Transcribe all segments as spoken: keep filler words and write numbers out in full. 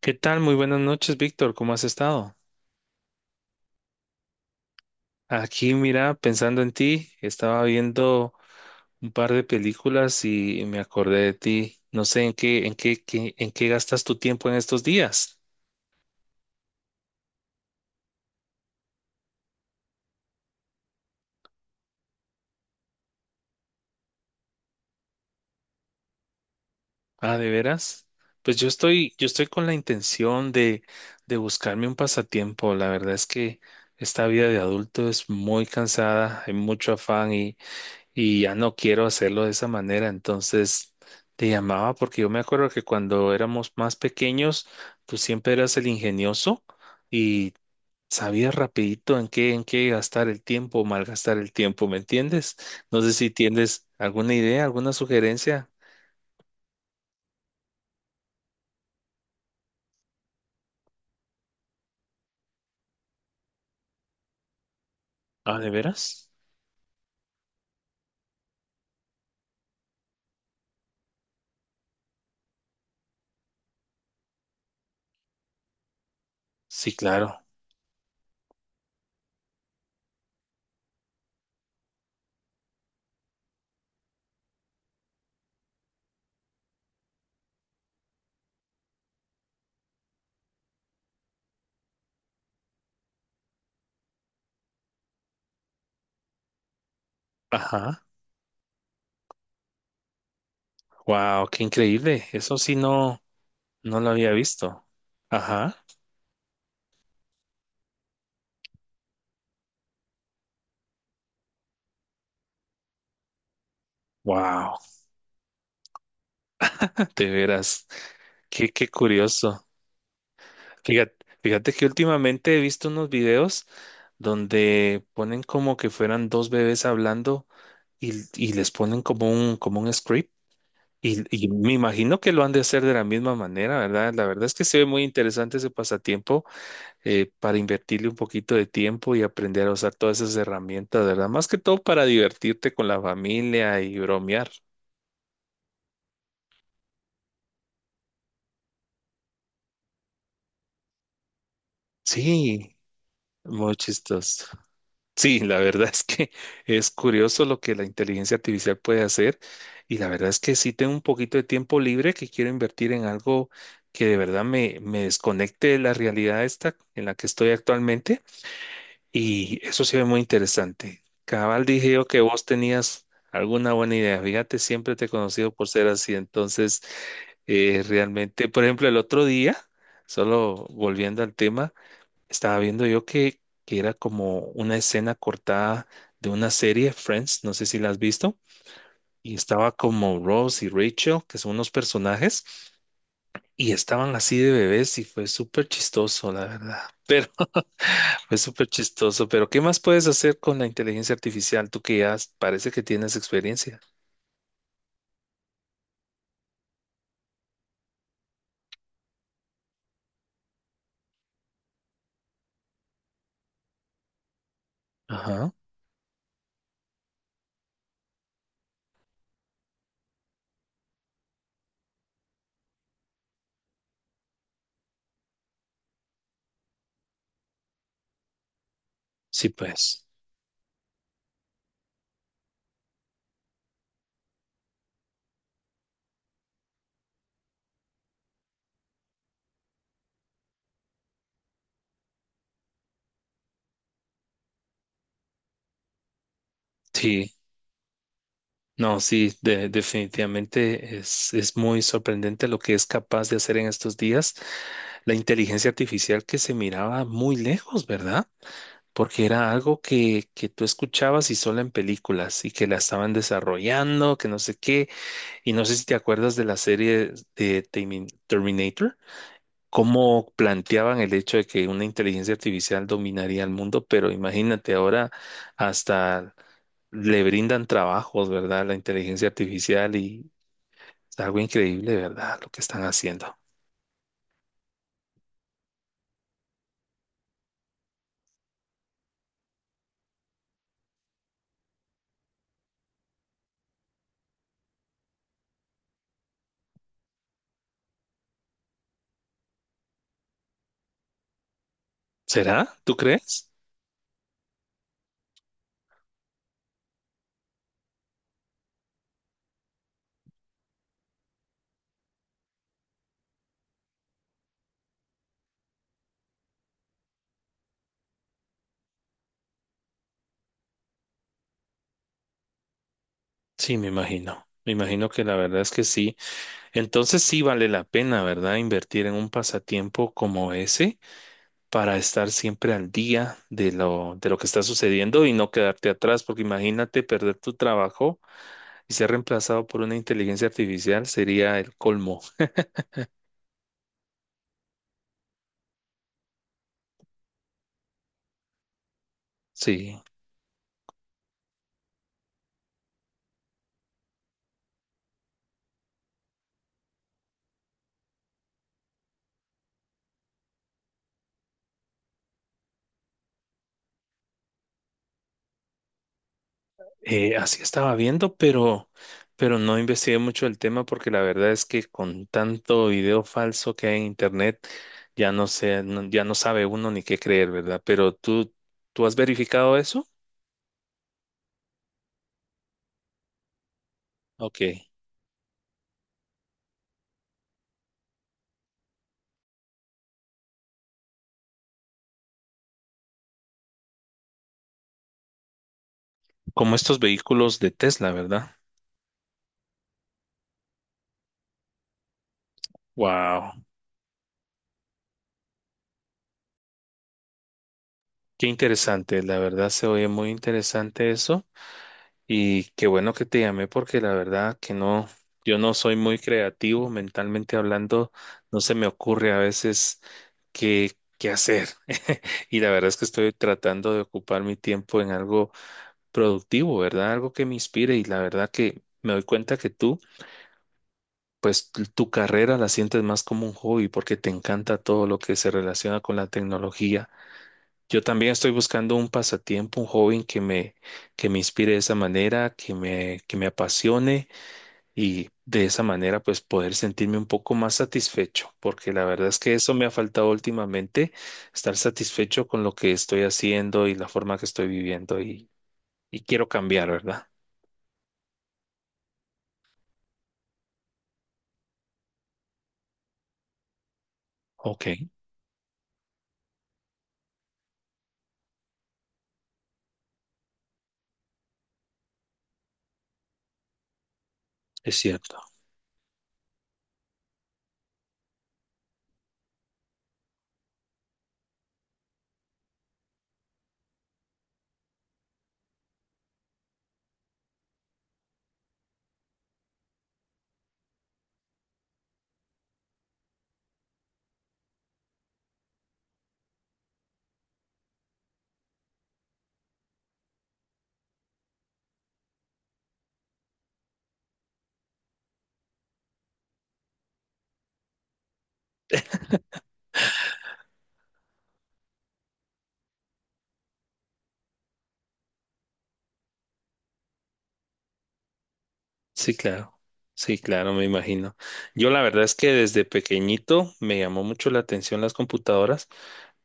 ¿Qué tal? Muy buenas noches, Víctor. ¿Cómo has estado? Aquí, mira, pensando en ti, estaba viendo un par de películas y me acordé de ti. No sé en qué, en qué, qué- en qué gastas tu tiempo en estos días. Ah, ¿de veras? Pues yo estoy, yo estoy con la intención de, de buscarme un pasatiempo. La verdad es que esta vida de adulto es muy cansada, hay mucho afán y ya no quiero hacerlo de esa manera. Entonces te llamaba porque yo me acuerdo que cuando éramos más pequeños, tú siempre eras el ingenioso y sabías rapidito en qué, en qué gastar el tiempo, o malgastar el tiempo, ¿me entiendes? No sé si tienes alguna idea, alguna sugerencia. Ah, ¿de veras? Sí, claro. Ajá. Wow, qué increíble. Eso sí no, no lo había visto. Ajá. Wow, de veras. Qué, qué curioso. Fíjate, fíjate que últimamente he visto unos videos donde ponen como que fueran dos bebés hablando y, y les ponen como un, como un script. Y, y me imagino que lo han de hacer de la misma manera, ¿verdad? La verdad es que se ve muy interesante ese pasatiempo eh, para invertirle un poquito de tiempo y aprender a usar todas esas herramientas, ¿verdad? Más que todo para divertirte con la familia y bromear. Sí, muy chistoso. Sí, la verdad es que es curioso lo que la inteligencia artificial puede hacer y la verdad es que sí tengo un poquito de tiempo libre que quiero invertir en algo que de verdad me, me desconecte de la realidad esta en la que estoy actualmente y eso se ve muy interesante. Cabal dije yo que vos tenías alguna buena idea. Fíjate, siempre te he conocido por ser así. Entonces, eh, realmente, por ejemplo, el otro día, solo volviendo al tema. Estaba viendo yo que, que era como una escena cortada de una serie, Friends, no sé si la has visto, y estaba como Ross y Rachel, que son unos personajes, y estaban así de bebés y fue súper chistoso, la verdad. Pero fue súper chistoso, pero ¿qué más puedes hacer con la inteligencia artificial? Tú que ya parece que tienes experiencia. Ajá. Sí, pues. Sí. No, sí, de- definitivamente es, es muy sorprendente lo que es capaz de hacer en estos días la inteligencia artificial que se miraba muy lejos, ¿verdad? Porque era algo que, que tú escuchabas y solo en películas y que la estaban desarrollando, que no sé qué, y no sé si te acuerdas de la serie de Termin- Terminator, cómo planteaban el hecho de que una inteligencia artificial dominaría el mundo, pero imagínate ahora hasta le brindan trabajos, ¿verdad? La inteligencia artificial y es algo increíble, ¿verdad? Lo que están haciendo. ¿Será? ¿Tú crees? Sí, me imagino. Me imagino que la verdad es que sí. Entonces sí vale la pena, ¿verdad? Invertir en un pasatiempo como ese. Para estar siempre al día de lo, de lo que está sucediendo y no quedarte atrás, porque imagínate perder tu trabajo y ser reemplazado por una inteligencia artificial sería el colmo. Sí, eh, así estaba viendo, pero, pero no investigué mucho el tema porque la verdad es que con tanto video falso que hay en internet, ya no sé, no- ya no sabe uno ni qué creer, ¿verdad? Pero tú, ¿tú has verificado eso? Ok, como estos vehículos de Tesla, ¿verdad? Wow. Qué interesante, la verdad se oye muy interesante eso y qué bueno que te llamé porque la verdad que no, yo no soy muy creativo mentalmente hablando, no se me ocurre a veces qué, qué hacer y la verdad es que estoy tratando de ocupar mi tiempo en algo productivo, ¿verdad? Algo que me inspire y la verdad que me doy cuenta que tú, pues tu tu carrera la sientes más como un hobby porque te encanta todo lo que se relaciona con la tecnología. Yo también estoy buscando un pasatiempo, un joven que me, que me inspire de esa manera, que me, que me apasione y de esa manera pues poder sentirme un poco más satisfecho, porque la verdad es que eso me ha faltado últimamente, estar satisfecho con lo que estoy haciendo y la forma que estoy viviendo y, y quiero cambiar, ¿verdad? Ok, es cierto. Sí, claro. Sí, claro, me imagino. Yo la verdad es que desde pequeñito me llamó mucho la atención las computadoras,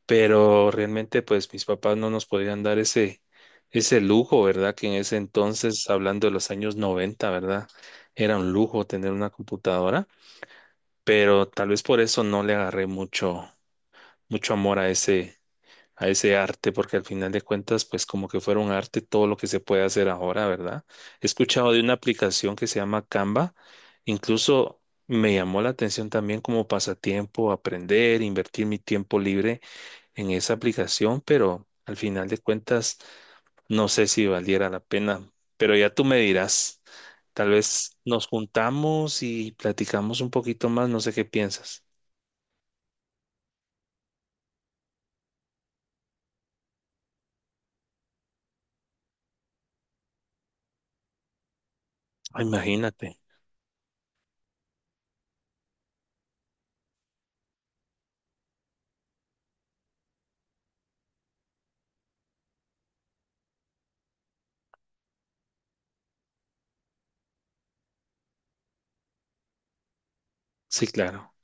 pero realmente pues mis papás no nos podían dar ese, ese lujo, ¿verdad? Que en ese entonces, hablando de los años noventa, ¿verdad? Era un lujo tener una computadora, pero tal vez por eso no le agarré mucho, mucho amor a ese a ese arte, porque al final de cuentas, pues como que fuera un arte todo lo que se puede hacer ahora, ¿verdad? He escuchado de una aplicación que se llama Canva, incluso me llamó la atención también como pasatiempo, aprender, invertir mi tiempo libre en esa aplicación, pero al final de cuentas, no sé si valiera la pena, pero ya tú me dirás, tal vez nos juntamos y platicamos un poquito más, no sé qué piensas. Ah, imagínate, sí, claro.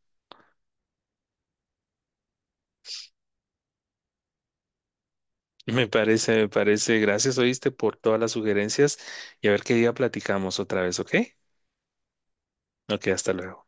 Me parece, me parece. Gracias, oíste, por todas las sugerencias y a ver qué día platicamos otra vez, ¿ok? Ok, hasta luego.